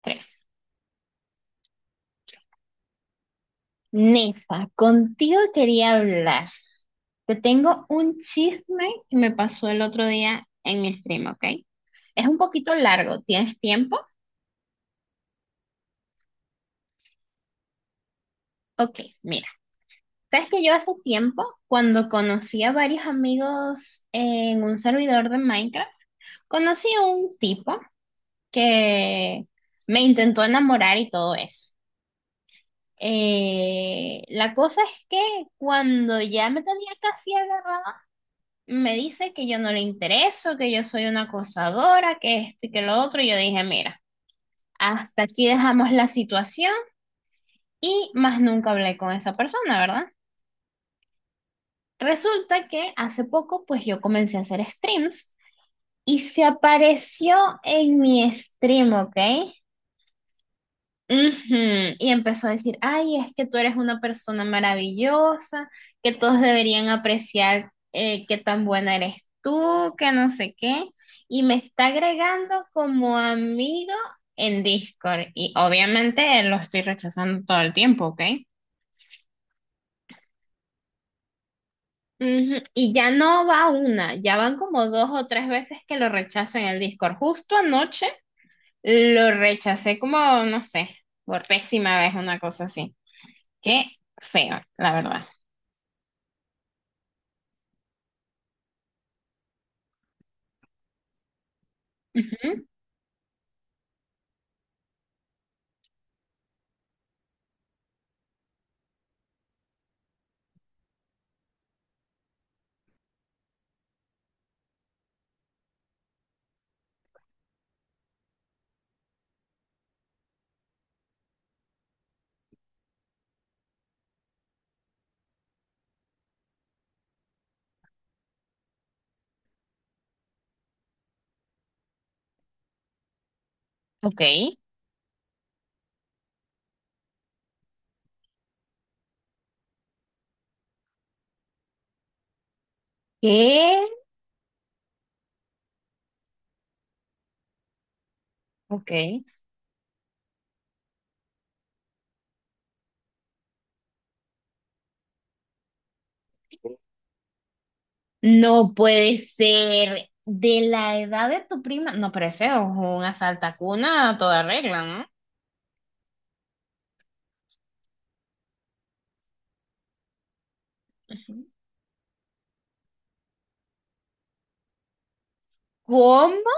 Tres. Nefa, contigo quería hablar. Te tengo un chisme que me pasó el otro día en mi stream, ¿ok? Es un poquito largo. ¿Tienes tiempo? Ok, mira. Sabes que yo hace tiempo, cuando conocí a varios amigos en un servidor de Minecraft, conocí a un tipo que me intentó enamorar y todo eso. La cosa es que cuando ya me tenía casi agarrada. Me dice que yo no le intereso, que yo soy una acosadora, que esto y que lo otro. Y yo dije, mira, hasta aquí dejamos la situación y más nunca hablé con esa persona, ¿verdad? Resulta que hace poco, pues yo comencé a hacer streams y se apareció en mi stream, ¿ok? Ujú. Y empezó a decir, ay, es que tú eres una persona maravillosa, que todos deberían apreciar, qué tan buena eres tú, que no sé qué. Y me está agregando como amigo en Discord. Y obviamente lo estoy rechazando todo el tiempo, ¿ok? Ujú. Y ya no va una, ya van como dos o tres veces que lo rechazo en el Discord. Justo anoche lo rechacé como, no sé, por décima vez, una cosa así. Qué feo, la verdad. Ujú. Ok. ¿Qué? Ok. No puede ser de la edad de tu prima. No, pero ese es un asaltacuna a toda regla, ¿no? Ujú. ¿Cómo?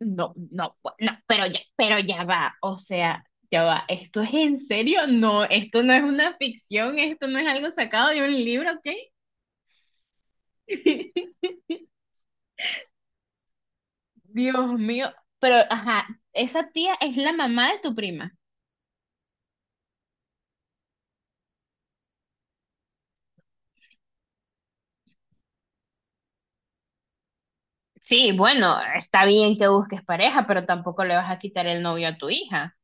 No, pero ya va. O sea, ya va. ¿Esto es en serio? No, esto no es una ficción, esto no es algo sacado de un libro, ¿ok? Dios mío. Pero, ajá, esa tía es la mamá de tu prima. Sí, bueno, está bien que busques pareja, pero tampoco le vas a quitar el novio a tu hija.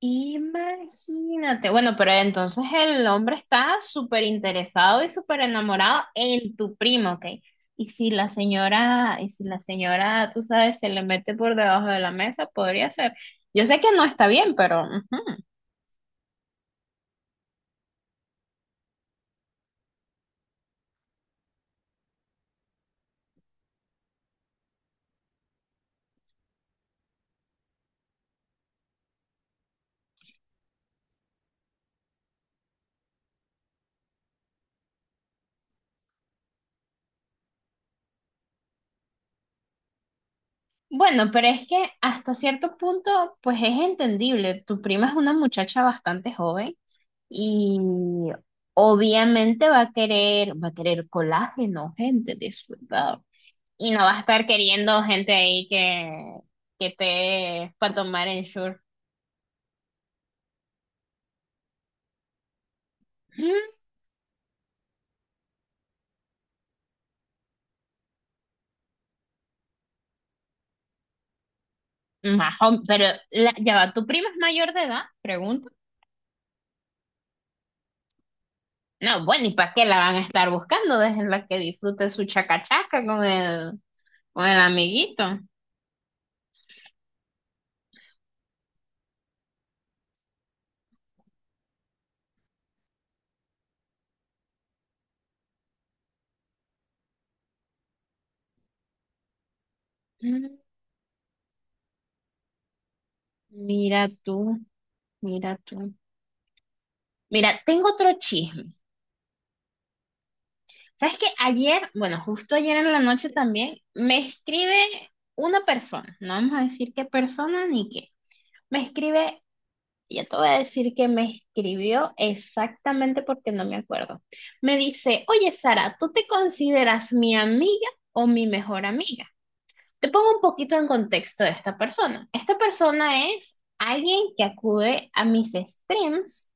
Imagínate, bueno, pero entonces el hombre está súper interesado y súper enamorado en tu primo, ¿ok? Y si la señora, tú sabes, se le mete por debajo de la mesa, podría ser. Yo sé que no está bien, pero ujú. Bueno, pero es que hasta cierto punto, pues es entendible. Tu prima es una muchacha bastante joven. Y obviamente va a querer colágeno, gente descuidado. Y no va a estar queriendo gente ahí que te para tomar en short. pero ya va, ¿tu prima es mayor de edad? Pregunto. No, bueno, ¿y para qué la van a estar buscando? Déjenla que disfrute su chacachaca con el amiguito. Mm. Mira tú, mira tú. Mira, tengo otro chisme. ¿Sabes qué? Ayer, bueno, justo ayer en la noche también, me escribe una persona, no vamos a decir qué persona ni qué. Me escribe, ya te voy a decir que me escribió exactamente porque no me acuerdo. Me dice, oye Sara, ¿tú te consideras mi amiga o mi mejor amiga? Te pongo un poquito en contexto de esta persona. Esta persona es alguien que acude a mis streams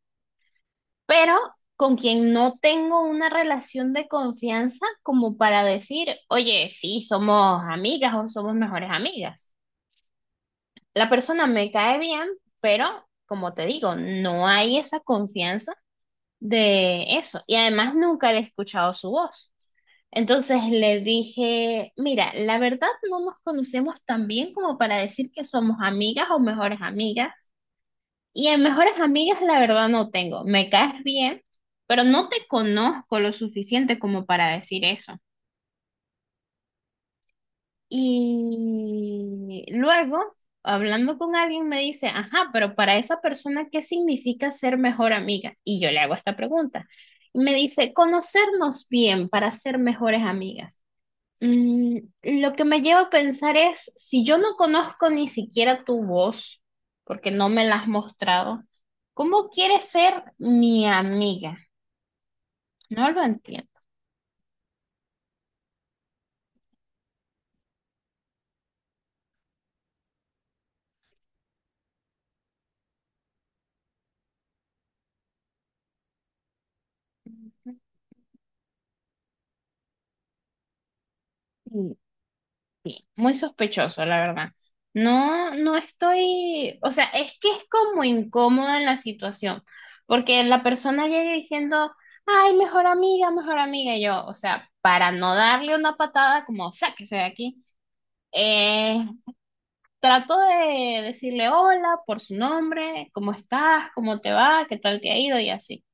pero con quien no tengo una relación de confianza como para decir, oye, sí, somos amigas o somos mejores amigas. La persona me cae bien, pero como te digo, no hay esa confianza de eso. Y además nunca le he escuchado su voz. Entonces le dije, mira, la verdad no nos conocemos tan bien como para decir que somos amigas o mejores amigas. Y en mejores amigas, la verdad, no tengo. Me caes bien, pero no te conozco lo suficiente como para decir eso. Y luego, hablando con alguien, me dice, ajá, pero para esa persona, ¿qué significa ser mejor amiga? Y yo le hago esta pregunta. Y me dice, conocernos bien para ser mejores amigas. Mm, lo que me lleva a pensar es, si yo no conozco ni siquiera tu voz, porque no me la has mostrado, ¿cómo quieres ser mi amiga? No lo entiendo. Mm. Muy sospechoso, la verdad. No, no estoy, o sea, es que es como incómoda en la situación, porque la persona llega diciendo, ay, mejor amiga, y yo, o sea, para no darle una patada como, sáquese de aquí. Eh, Trato de decirle hola por su nombre, cómo estás, cómo te va, qué tal te ha ido y así.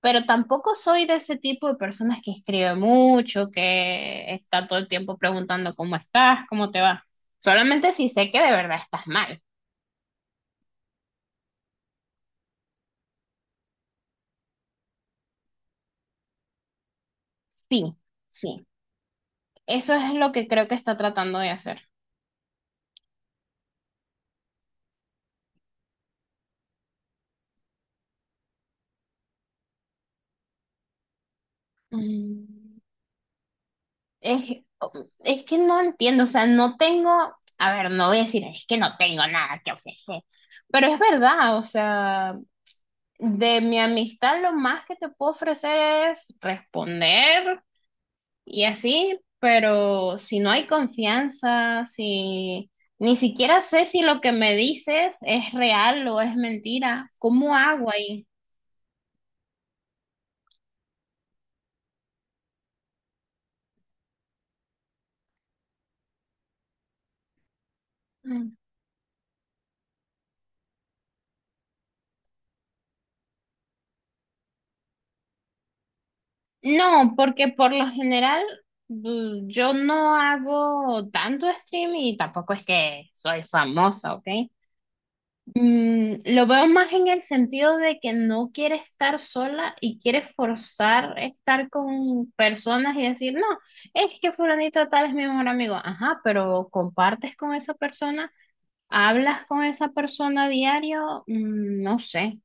Pero tampoco soy de ese tipo de personas que escribe mucho, que está todo el tiempo preguntando cómo estás, cómo te va. Solamente si sé que de verdad estás mal. Sí, sí. Eso es lo que creo que está tratando de hacer. Mm. Es, es que no entiendo, o sea, no tengo, a ver, no voy a decir, es que no tengo nada que ofrecer, pero es verdad, o sea, de mi amistad lo más que te puedo ofrecer es responder y así, pero si no hay confianza, si ni siquiera sé si lo que me dices es real o es mentira, ¿cómo hago ahí? Mm. No, porque por lo general yo no hago tanto stream y tampoco es que soy famosa, ¿ok? Mm, lo veo más en el sentido de que no quiere estar sola y quiere forzar estar con personas y decir, no, es que fulanito tal es mi mejor amigo. Ajá, pero compartes con esa persona, hablas con esa persona a diario. Mm, no sé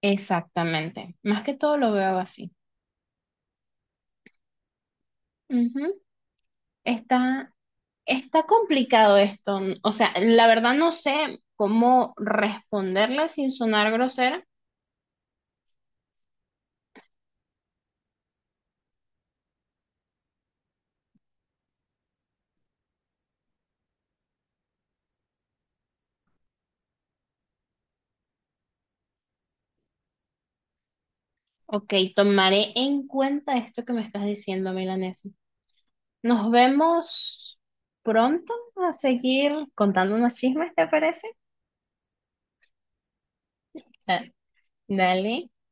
exactamente. Más que todo lo veo así. Ujú. Está, está complicado esto. O sea, la verdad no sé cómo responderle sin sonar grosera. Ok, tomaré en cuenta esto que me estás diciendo, Milanesa. Nos vemos pronto a seguir contándonos chismes, ¿te parece? Ah, dale.